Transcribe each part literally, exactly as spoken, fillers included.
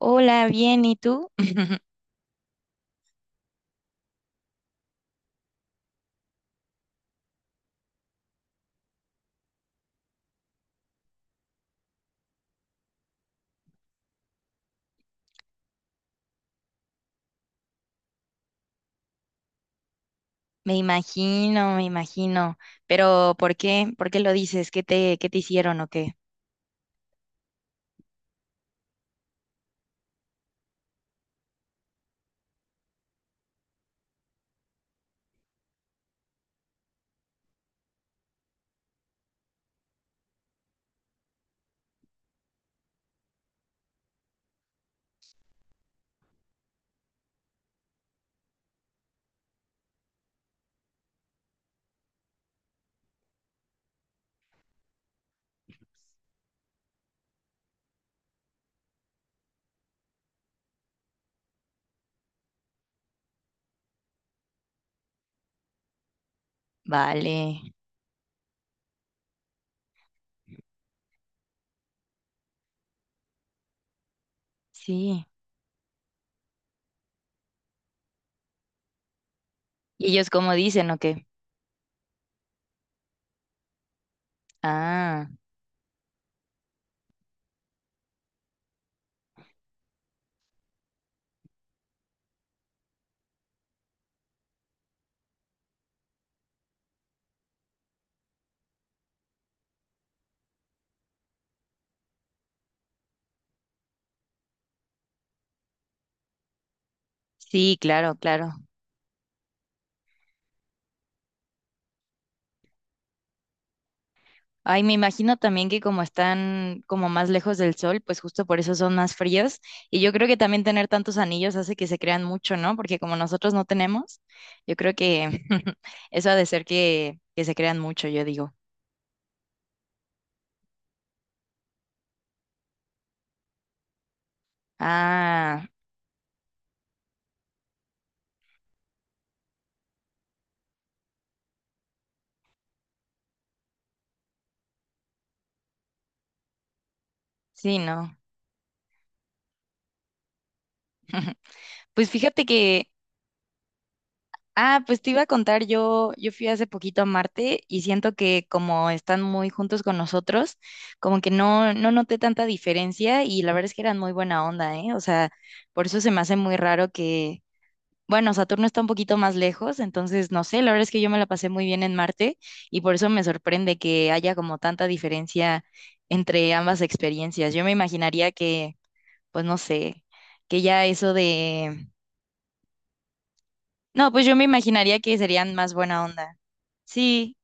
Hola, bien, ¿y tú? Me imagino, me imagino. Pero ¿por qué? ¿Por qué lo dices? ¿Qué te, qué te hicieron o qué? Vale, sí. ¿Y ellos cómo dicen o qué? Ah, sí, claro, claro. Ay, me imagino también que como están como más lejos del sol, pues justo por eso son más fríos. Y yo creo que también tener tantos anillos hace que se crean mucho, ¿no? Porque como nosotros no tenemos, yo creo que eso ha de ser que, que se crean mucho, yo digo. Ah, sí, ¿no? Pues fíjate que, ah, pues te iba a contar, yo, yo fui hace poquito a Marte y siento que como están muy juntos con nosotros, como que no, no noté tanta diferencia y la verdad es que eran muy buena onda, ¿eh? O sea, por eso se me hace muy raro que, bueno, Saturno está un poquito más lejos, entonces no sé, la verdad es que yo me la pasé muy bien en Marte y por eso me sorprende que haya como tanta diferencia entre ambas experiencias. Yo me imaginaría que, pues no sé, que ya eso de... No, pues yo me imaginaría que serían más buena onda. Sí,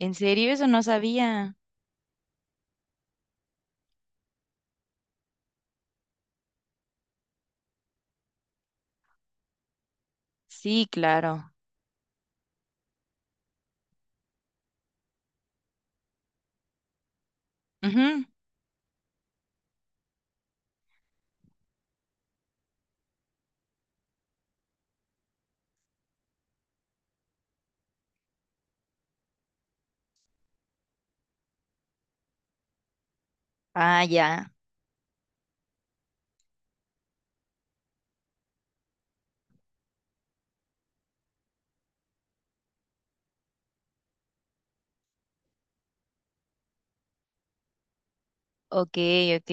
¿en serio? Eso no sabía. Sí, claro. Ujú. Ah, ya. Ok, ok.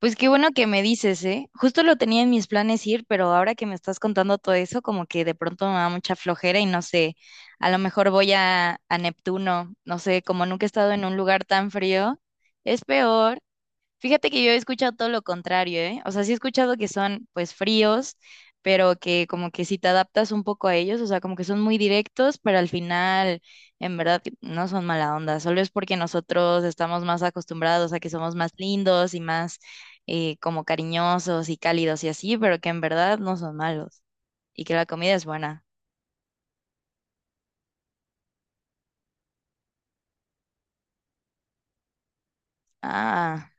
Pues qué bueno que me dices, ¿eh? Justo lo tenía en mis planes ir, pero ahora que me estás contando todo eso, como que de pronto me da mucha flojera y no sé, a lo mejor voy a, a Neptuno, no sé, como nunca he estado en un lugar tan frío, es peor. Fíjate que yo he escuchado todo lo contrario, ¿eh? O sea, sí he escuchado que son pues fríos, pero que como que si te adaptas un poco a ellos, o sea, como que son muy directos, pero al final en verdad que no son mala onda, solo es porque nosotros estamos más acostumbrados a que somos más lindos y más eh, como cariñosos y cálidos y así, pero que en verdad no son malos y que la comida es buena. Ah,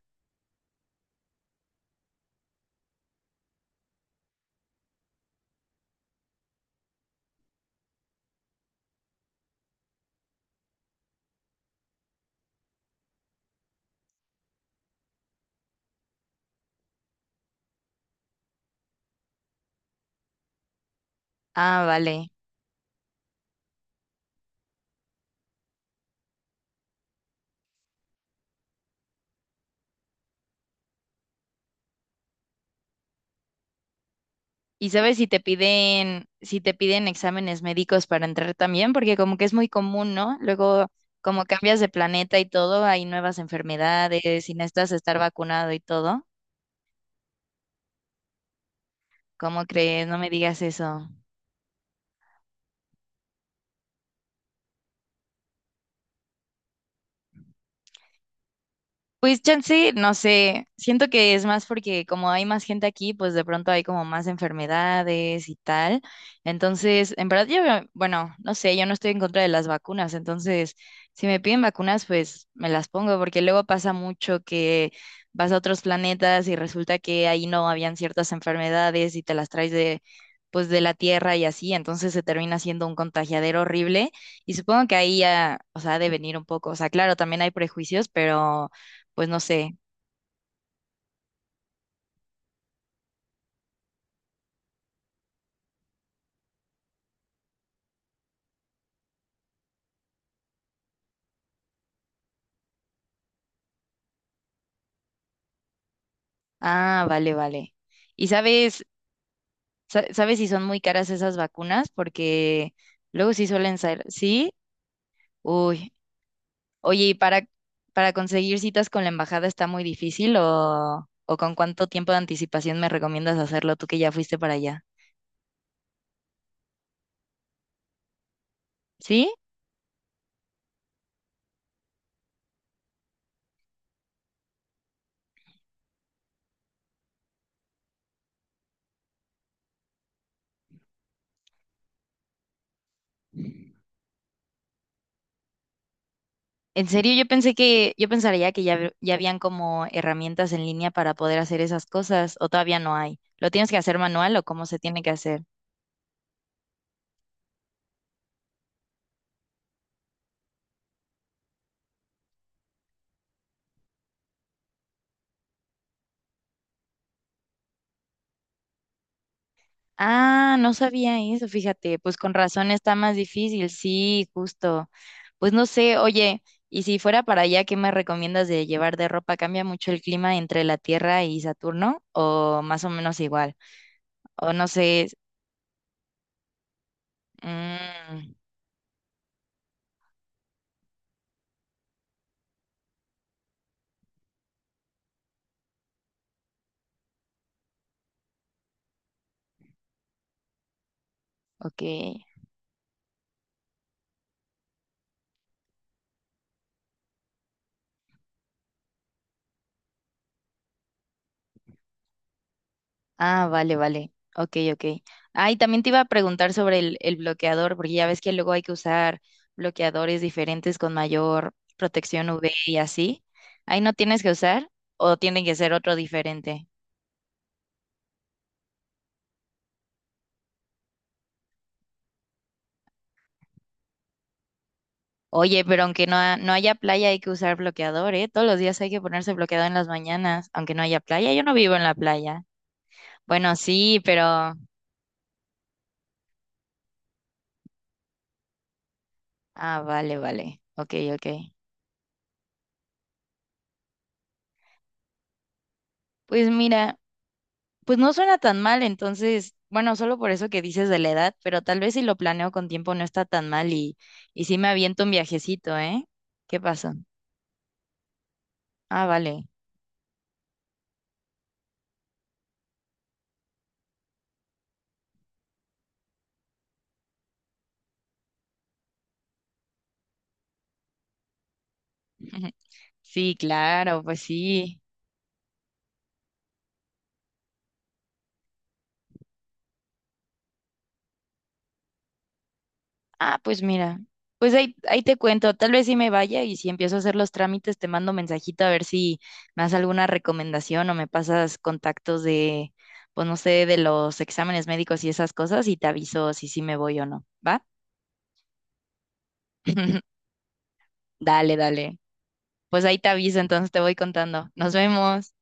ah, vale. Y sabes si te piden, si te piden exámenes médicos para entrar también, porque como que es muy común, ¿no? Luego, como cambias de planeta y todo, hay nuevas enfermedades y necesitas estar vacunado y todo. ¿Cómo crees? No me digas eso. Pues chance, no sé, siento que es más porque como hay más gente aquí, pues de pronto hay como más enfermedades y tal. Entonces, en verdad yo, veo- bueno, no sé, yo no estoy en contra de las vacunas, entonces si me piden vacunas, pues me las pongo, porque luego pasa mucho que vas a otros planetas y resulta que ahí no habían ciertas enfermedades y te las traes de, pues de la Tierra y así, entonces se termina siendo un contagiadero horrible. Y supongo que ahí ya, o sea, ha de venir un poco. O sea, claro, también hay prejuicios, pero pues no sé. Ah, vale, vale. ¿Y sabes, sa- sabes si son muy caras esas vacunas? Porque luego sí suelen ser, ¿sí? Uy. Oye, ¿y para, para conseguir citas con la embajada está muy difícil o, o con cuánto tiempo de anticipación me recomiendas hacerlo tú que ya fuiste para allá? ¿Sí? En serio, yo pensé que, yo pensaría que ya, hab- ya habían como herramientas en línea para poder hacer esas cosas, o todavía no hay. ¿Lo tienes que hacer manual o cómo se tiene que hacer? Ah, no sabía eso, fíjate, pues con razón está más difícil, sí, justo. Pues no sé, oye, y si fuera para allá, ¿qué me recomiendas de llevar de ropa? ¿Cambia mucho el clima entre la Tierra y Saturno o más o menos igual? O no sé, mm, ok. Ah, vale, vale. Ok, ok. Ah, y también te iba a preguntar sobre el, el bloqueador, porque ya ves que luego hay que usar bloqueadores diferentes con mayor protección U V y así. Ahí no tienes que usar o tienen que ser otro diferente. Oye, pero aunque no, ha- no haya playa hay que usar bloqueador, ¿eh? Todos los días hay que ponerse bloqueador en las mañanas, aunque no haya playa. Yo no vivo en la playa. Bueno, sí, pero... Ah, vale, vale. Ok, ok. Pues mira. Pues no suena tan mal, entonces, bueno, solo por eso que dices de la edad, pero tal vez si lo planeo con tiempo no está tan mal y, y sí me aviento un viajecito, ¿eh? ¿Qué pasó? Ah, vale. Sí, claro, pues sí. Ah, pues mira, pues ahí, ahí te cuento, tal vez si me vaya y si empiezo a hacer los trámites te mando mensajito a ver si me das alguna recomendación o me pasas contactos de, pues no sé, de los exámenes médicos y esas cosas y te aviso si sí me voy o no, ¿va? Dale, dale. Pues ahí te aviso, entonces te voy contando. Nos vemos.